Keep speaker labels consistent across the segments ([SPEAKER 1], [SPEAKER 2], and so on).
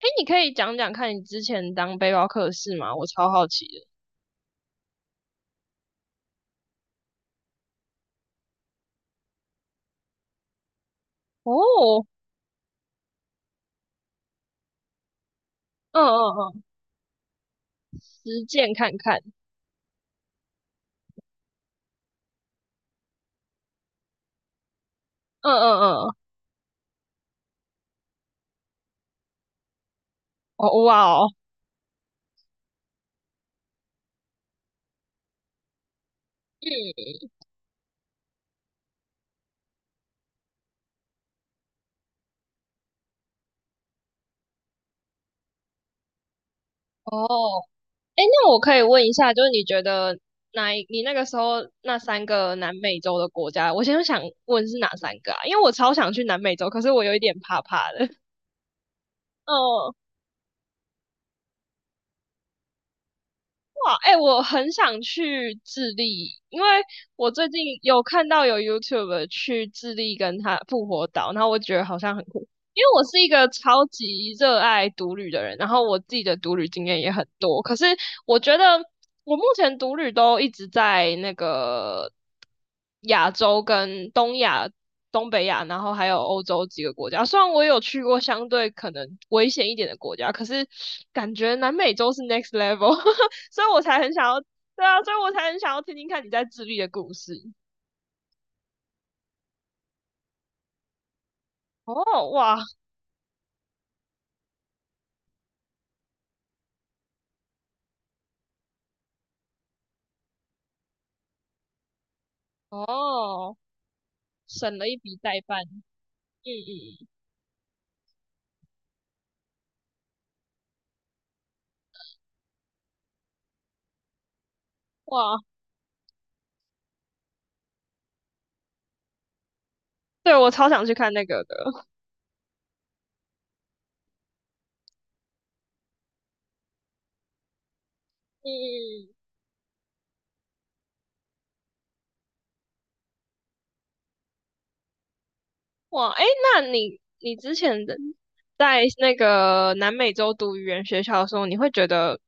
[SPEAKER 1] 哎，你可以讲讲看你之前当背包客的事吗？我超好奇的。哦，嗯嗯嗯，实践看看。嗯嗯嗯，哦哇哦，嗯哦，哎，那我可以问一下，就是你觉得你那个时候那三个南美洲的国家，我现在想问是哪三个啊？因为我超想去南美洲，可是我有一点怕怕的。哦。哇，哎、我很想去智利，因为我最近有看到有 YouTube 去智利跟他复活岛，然后我觉得好像很酷，因为我是一个超级热爱独旅的人，然后我自己的独旅经验也很多，可是我觉得我目前独旅都一直在那个亚洲跟东亚。东北亚，然后还有欧洲几个国家。虽然我有去过相对可能危险一点的国家，可是感觉南美洲是 next level。所以我才很想要，对啊，所以我才很想要听听看你在自律的故事。哦，哇，哦，省了一笔代办，嗯嗯，哇，对，我超想去看那个的，嗯嗯，哇，哎，那你之前的在那个南美洲读语言学校的时候，你会觉得，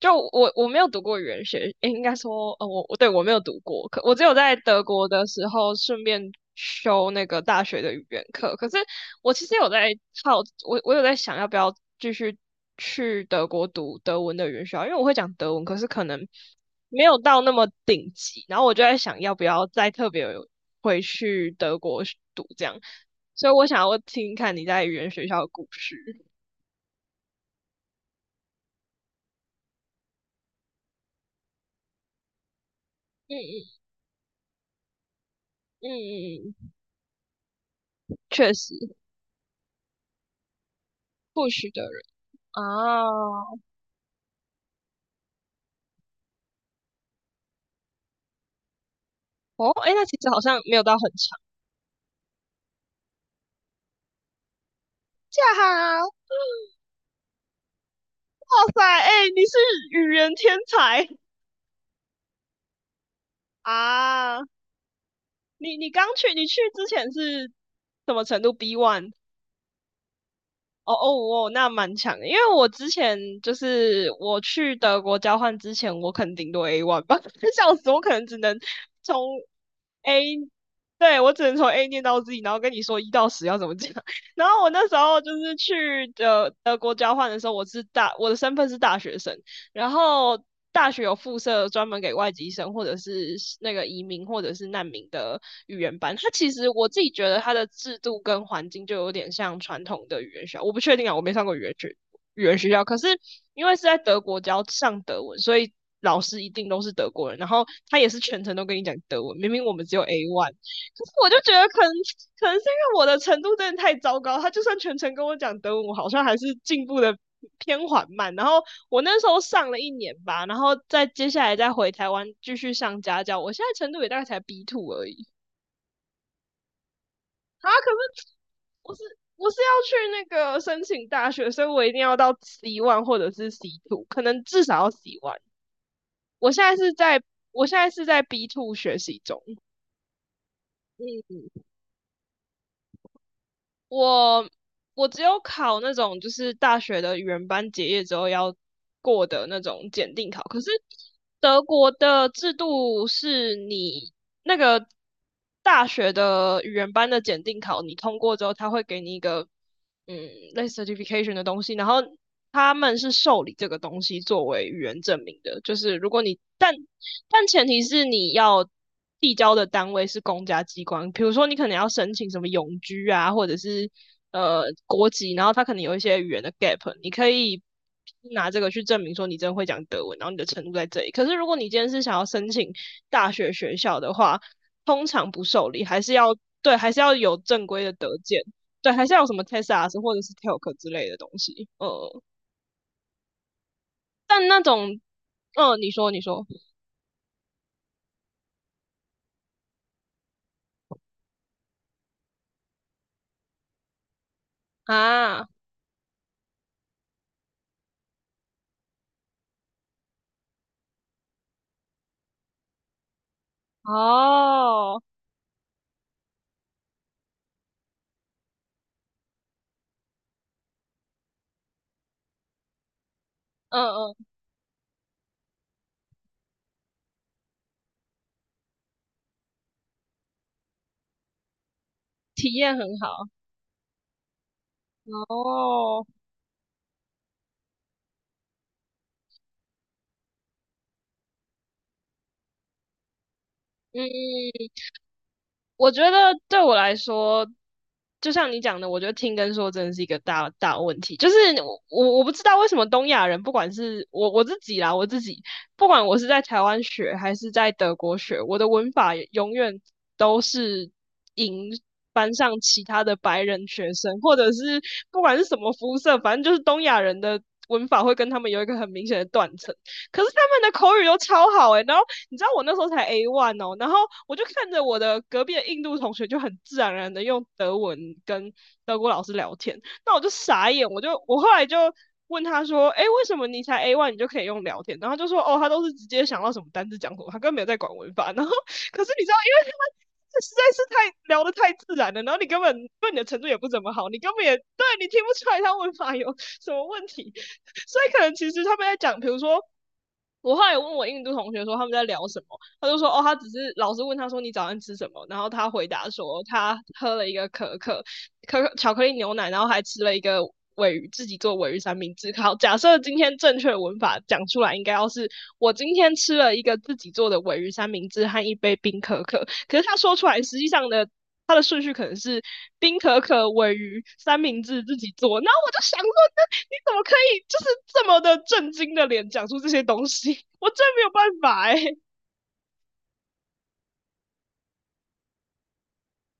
[SPEAKER 1] 就我没有读过语言学，诶应该说，我没有读过，可我只有在德国的时候顺便修那个大学的语言课。可是我其实有在好，我有在想要不要继续去德国读德文的语言学校，因为我会讲德文，可是可能没有到那么顶级。然后我就在想，要不要再特别回去德国读这样。所以我想要听听看你在语言学校的故事。嗯嗯嗯嗯，嗯，确实，不许的人啊，哦，哎，那其实好像没有到很长。这样啊，哇塞，哎，你是语言天才啊！你刚去，你去之前是什么程度？B1 哦哦哦，那蛮强的，因为我之前就是我去德国交换之前，我可能顶多 A one 吧，笑死，我可能只能从 A，对，我只能从 A 念到 Z，然后跟你说1到10要怎么讲。然后我那时候就是去德国交换的时候，我的身份是大学生，然后大学有附设专门给外籍生或者是那个移民或者是难民的语言班。它其实我自己觉得它的制度跟环境就有点像传统的语言学校，我不确定啊，我没上过语言学校。可是因为是在德国教上德文，所以老师一定都是德国人，然后他也是全程都跟你讲德文。明明我们只有 A one,可是我就觉得可能是因为我的程度真的太糟糕，他就算全程跟我讲德文，我好像还是进步的偏缓慢。然后我那时候上了一年吧，然后再接下来再回台湾继续上家教。我现在程度也大概才 B two 而已啊。可是我是要去那个申请大学，所以我一定要到 C one 或者是 C2，可能至少要 C one。我现在是在我现在是在 B two 学习中。我我只有考那种就是大学的语言班结业之后要过的那种检定考，可是德国的制度是你那个大学的语言班的检定考，你通过之后，他会给你一个嗯类似 certification 的东西，然后他们是受理这个东西作为语言证明的，就是如果你但前提是你要递交的单位是公家机关，比如说你可能要申请什么永居啊，或者是国籍，然后它可能有一些语言的 gap，你可以拿这个去证明说你真的会讲德文，然后你的程度在这里。可是如果你今天是想要申请大学学校的话，通常不受理，还是要对，还是要有正规的德检，对，还是要有什么 TESAS 或者是 TELK 之类的东西。但那种，嗯、你说，你说啊，哦。嗯嗯，体验很好。哦，嗯，我觉得对我来说，就像你讲的，我觉得听跟说真的是一个大大问题。就是我不知道为什么东亚人，不管是我自己啦，我自己，不管我是在台湾学还是在德国学，我的文法永远都是赢班上其他的白人学生，或者是不管是什么肤色，反正就是东亚人的文法会跟他们有一个很明显的断层。可是他们的口语都超好诶、欸然后你知道我那时候才 A one 哦，然后我就看着我的隔壁的印度同学就很自然而然的用德文跟德国老师聊天，那我就傻眼，我后来就。问他说：“哎，为什么你才 A one 你就可以用聊天？”然后他就说：“哦，他都是直接想到什么单字讲什么，他根本没有在管文法。”然后，可是你知道，因为他们这实在是太聊得太自然了，然后你根本对你的程度也不怎么好，你根本也对你听不出来他文法有什么问题，所以可能其实他们在讲，比如说我后来有问我印度同学说他们在聊什么，他就说哦，他只是老师问他说你早上吃什么，然后他回答说他喝了一个可可巧克力牛奶，然后还吃了一个尾鱼，自己做尾鱼三明治。好，假设今天正确的文法讲出来，应该要是我今天吃了一个自己做的尾鱼三明治和一杯冰可可，可是他说出来实际上的。他的顺序可能是冰可可、尾鱼、三明治自己做，然后我就想说，你怎么可以就是这么的震惊的脸讲出这些东西？我真没有办法哎、嗯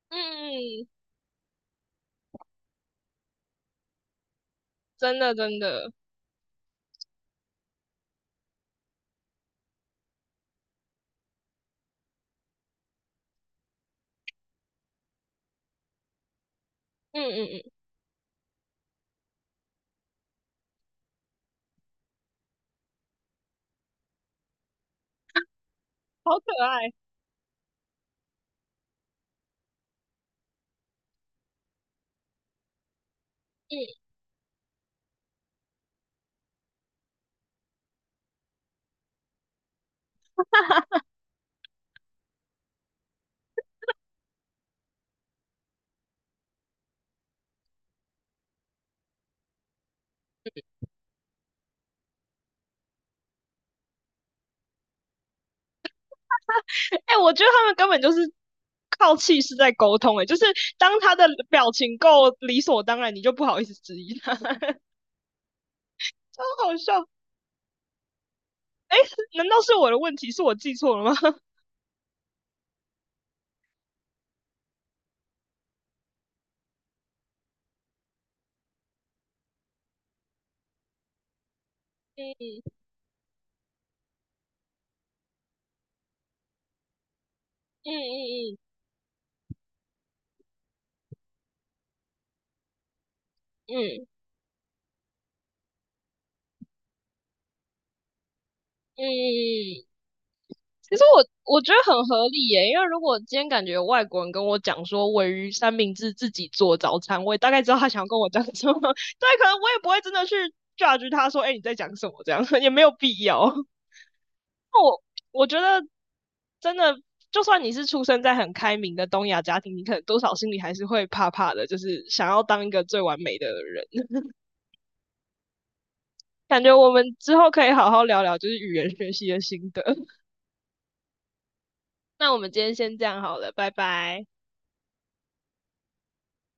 [SPEAKER 1] 嗯，真的真的，嗯嗯嗯，好可爱，嗯，哎、欸我觉得他们根本就是靠气势在沟通、欸，哎，就是当他的表情够理所当然，你就不好意思质疑他，超好笑。哎、欸难道是我的问题？是我记错了吗？嗯嗯嗯嗯嗯嗯嗯嗯嗯。嗯嗯嗯其实我觉得很合理耶，因为如果今天感觉有外国人跟我讲说鲔鱼三明治自己做早餐，我也大概知道他想要跟我讲什么。对，可能我也不会真的去 judge 他说，哎、欸你在讲什么这样，也没有必要。我我觉得真的，就算你是出生在很开明的东亚家庭，你可能多少心里还是会怕怕的，就是想要当一个最完美的人。感觉我们之后可以好好聊聊，就是语言学习的心得。那我们今天先这样好了，拜拜。